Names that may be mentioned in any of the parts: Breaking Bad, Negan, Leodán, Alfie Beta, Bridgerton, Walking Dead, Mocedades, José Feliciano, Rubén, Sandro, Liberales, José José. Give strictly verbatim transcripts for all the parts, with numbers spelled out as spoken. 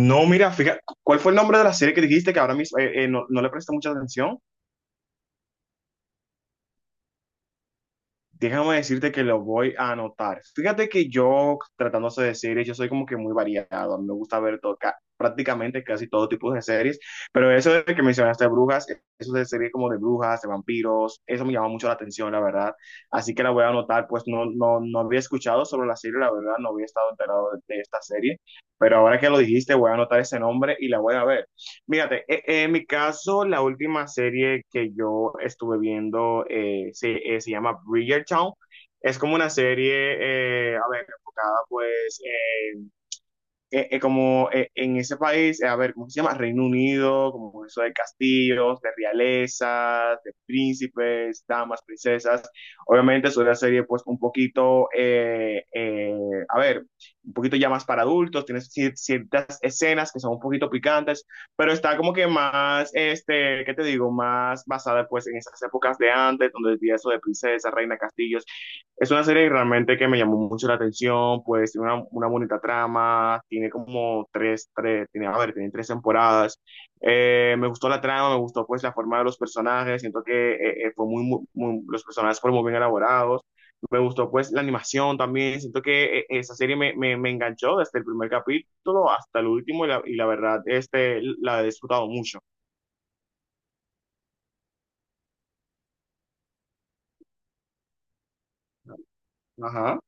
No, mira, fíjate, ¿cuál fue el nombre de la serie que dijiste que ahora mismo eh, eh, no, no le presté mucha atención? Déjame decirte que lo voy a anotar. Fíjate que yo, tratándose de series, yo soy como que muy variado. A mí me gusta ver todo, ca- prácticamente casi todo tipo de series, pero eso de que mencionaste de brujas, eh, eso de series como de brujas, de vampiros, eso me llama mucho la atención, la verdad. Así que la voy a anotar, pues no, no, no había escuchado sobre la serie, la verdad, no había estado enterado de de esta serie, pero ahora que lo dijiste, voy a anotar ese nombre y la voy a ver. Fíjate, e- en mi caso, la última serie que yo estuve viendo eh, se, eh, se llama Bridgerton. Es como una serie, eh, a ver, enfocada pues eh, eh, como eh, en ese país, eh, a ver, ¿cómo se llama? Reino Unido, como eso de castillos, de realezas, de príncipes, damas, princesas. Obviamente es una serie pues un poquito, eh, eh, a ver, un poquito ya más para adultos, tiene cier- ciertas escenas que son un poquito picantes, pero está como que más, este, ¿qué te digo? Más basada pues en esas épocas de antes, donde decía eso de princesa, reina, castillos, es una serie realmente que me llamó mucho la atención, pues tiene una, una bonita trama, tiene como tres, tres tiene, a ver, tiene tres temporadas. Eh, me gustó la trama, me gustó pues la forma de los personajes, siento que eh, eh, fue muy, muy, muy- los personajes fueron muy bien elaborados. Me gustó pues la animación también, siento que eh, esa serie me, me, me enganchó desde el primer capítulo hasta el último y la, y la verdad, este, la he disfrutado mucho. Ajá.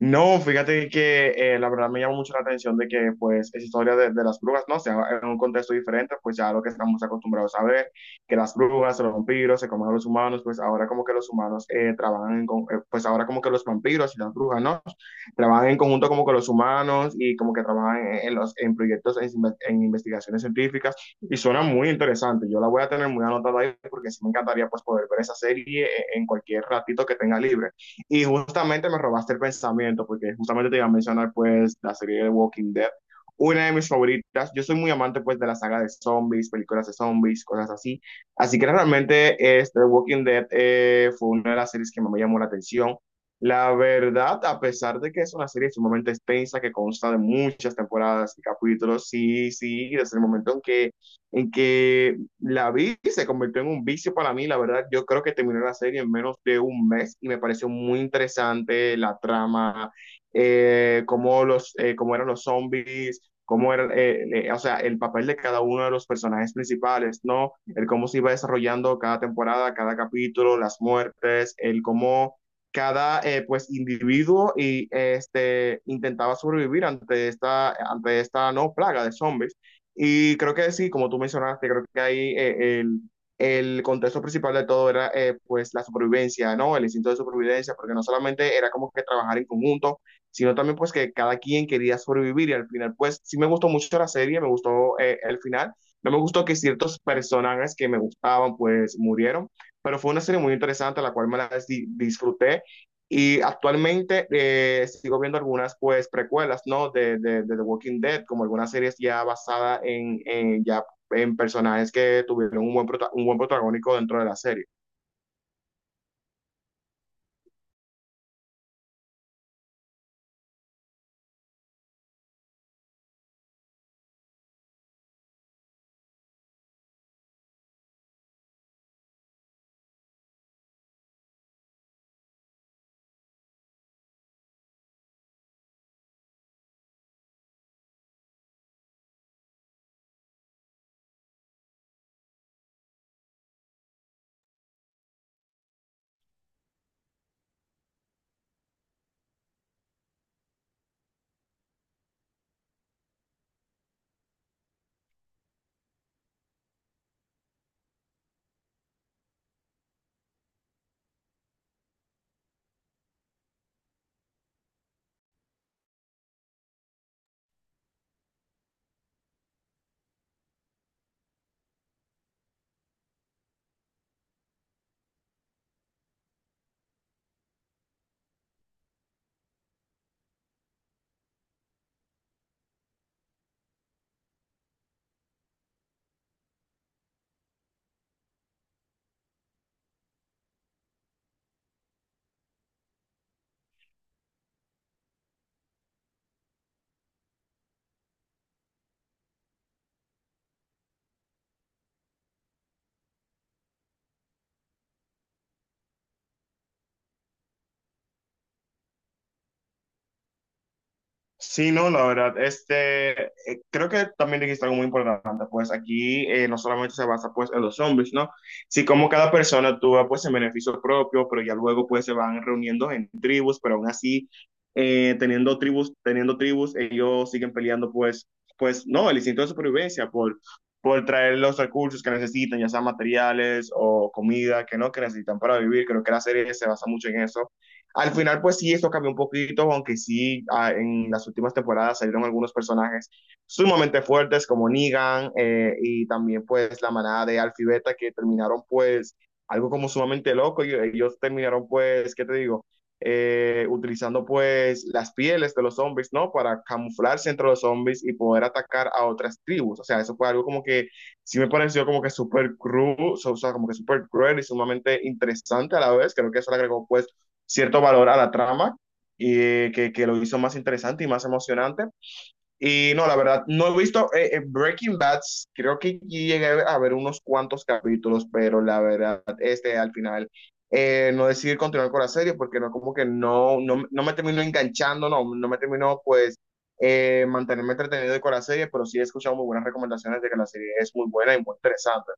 No, fíjate que eh, la verdad me llama mucho la atención de que pues esa historia de, de las brujas, no, o sea, en un contexto diferente, pues ya lo que estamos acostumbrados a ver, que las brujas, los vampiros se comen a los humanos, pues ahora como que los humanos eh, trabajan, en con- eh, pues ahora como que los vampiros y las brujas, ¿no? Trabajan en conjunto como con los humanos y como que trabajan en, en los, en proyectos, en, inve- en investigaciones científicas y suena muy interesante. Yo la voy a tener muy anotada ahí porque sí me encantaría pues poder ver esa serie en en cualquier ratito que tenga libre. Y justamente me robaste el pensamiento, porque justamente te iba a mencionar pues la serie de Walking Dead, una de mis favoritas. Yo soy muy amante pues de la saga de zombies, películas de zombies, cosas así. Así que realmente este Walking Dead eh, fue una de las series que más me llamó la atención. La verdad, a pesar de que es una serie sumamente extensa, que consta de muchas temporadas y capítulos, sí, sí, desde el momento en que, en que la vi, se convirtió en un vicio para mí, la verdad, yo creo que terminé la serie en menos de un mes y me pareció muy interesante la trama, eh, cómo, los, eh, cómo eran los zombies, cómo era, eh, eh, o sea, el papel de cada uno de los personajes principales, ¿no? El cómo se iba desarrollando cada temporada, cada capítulo, las muertes, el cómo cada, eh, pues, individuo y, este, intentaba sobrevivir ante esta, ante esta, no, plaga de zombies. Y creo que sí, como tú mencionaste, creo que ahí eh, el, el contexto principal de todo era eh, pues la supervivencia, ¿no? El instinto de supervivencia, porque no solamente era como que trabajar en conjunto, sino también pues que cada quien quería sobrevivir y al final pues sí me gustó mucho la serie, me gustó eh, el final, no me gustó que ciertos personajes que me gustaban pues murieron, pero fue una serie muy interesante, la cual me la dis- disfruté y actualmente eh, sigo viendo algunas pues precuelas, ¿no? De, de, de The Walking Dead, como algunas series ya basadas en, en, ya en personajes que tuvieron un buen, prota- un buen protagónico dentro de la serie. Sí, no, la verdad, este, eh, creo que también dijiste algo muy importante, pues aquí eh, no solamente se basa pues en los zombies, ¿no? Sí, como cada persona actúa pues en beneficio propio, pero ya luego pues se van reuniendo en tribus, pero aún así, eh, teniendo tribus, teniendo tribus, ellos siguen peleando pues, pues no, el instinto de supervivencia por, por traer los recursos que necesitan, ya sean materiales o comida que no, que necesitan para vivir, creo que la serie se basa mucho en eso. Al final, pues sí, esto cambió un poquito, aunque sí, ah, en las últimas temporadas salieron algunos personajes sumamente fuertes como Negan eh, y también pues la manada de Alfie Beta que terminaron pues algo como sumamente loco. y Ellos terminaron pues, ¿qué te digo? Eh, utilizando pues las pieles de los zombies, ¿no? Para camuflarse entre los zombies y poder atacar a otras tribus. O sea, eso fue algo como que sí me pareció como que súper cruel, o sea, como que súper cruel y sumamente interesante a la vez. Creo que eso le agregó pues cierto valor a la trama y que, que lo hizo más interesante y más emocionante. Y no, la verdad, no he visto eh, eh, Breaking Bad, creo que sí llegué a ver unos cuantos capítulos, pero la verdad, este al final eh, no decidí continuar con la serie porque no, como que no, no, no me terminó enganchando, no, no me terminó pues eh, mantenerme entretenido con la serie, pero sí he escuchado muy buenas recomendaciones de que la serie es muy buena y muy interesante.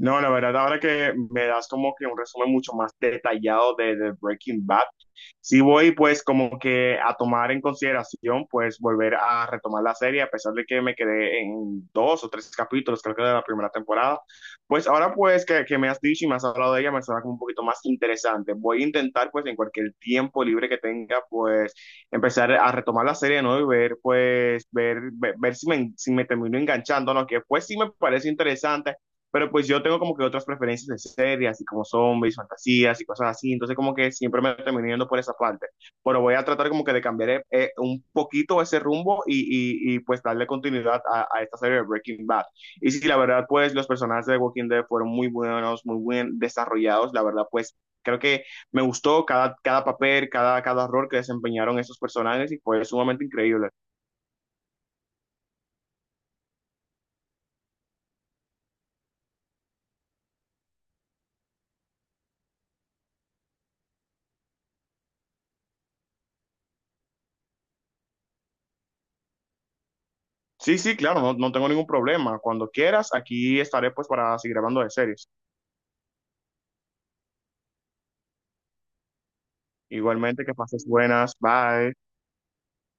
No, la verdad, ahora que me das como que un resumen mucho más detallado de, de Breaking Bad, sí voy pues como que a tomar en consideración pues volver a retomar la serie, a pesar de que me quedé en dos o tres capítulos, creo que de la primera temporada, pues ahora pues que, que me has dicho y me has hablado de ella, me suena como un poquito más interesante. Voy a intentar pues en cualquier tiempo libre que tenga pues empezar a retomar la serie de nuevo y ver pues ver, ver, ver si me, si me termino enganchando, ¿no? Que pues sí me parece interesante. Pero pues yo tengo como que otras preferencias de series, así como zombies, fantasías y cosas así. Entonces como que siempre me termino yendo por esa parte. Pero voy a tratar como que de cambiar eh, eh, un poquito ese rumbo y, y, y pues darle continuidad a, a, esta serie de Breaking Bad. Y sí, la verdad pues los personajes de Walking Dead fueron muy buenos, muy bien desarrollados. La verdad pues creo que me gustó cada, cada papel, cada, cada rol que desempeñaron esos personajes y fue sumamente increíble. Sí, sí, claro, no, no tengo ningún problema. Cuando quieras, aquí estaré pues para seguir hablando de series. Igualmente, que pases buenas. Bye.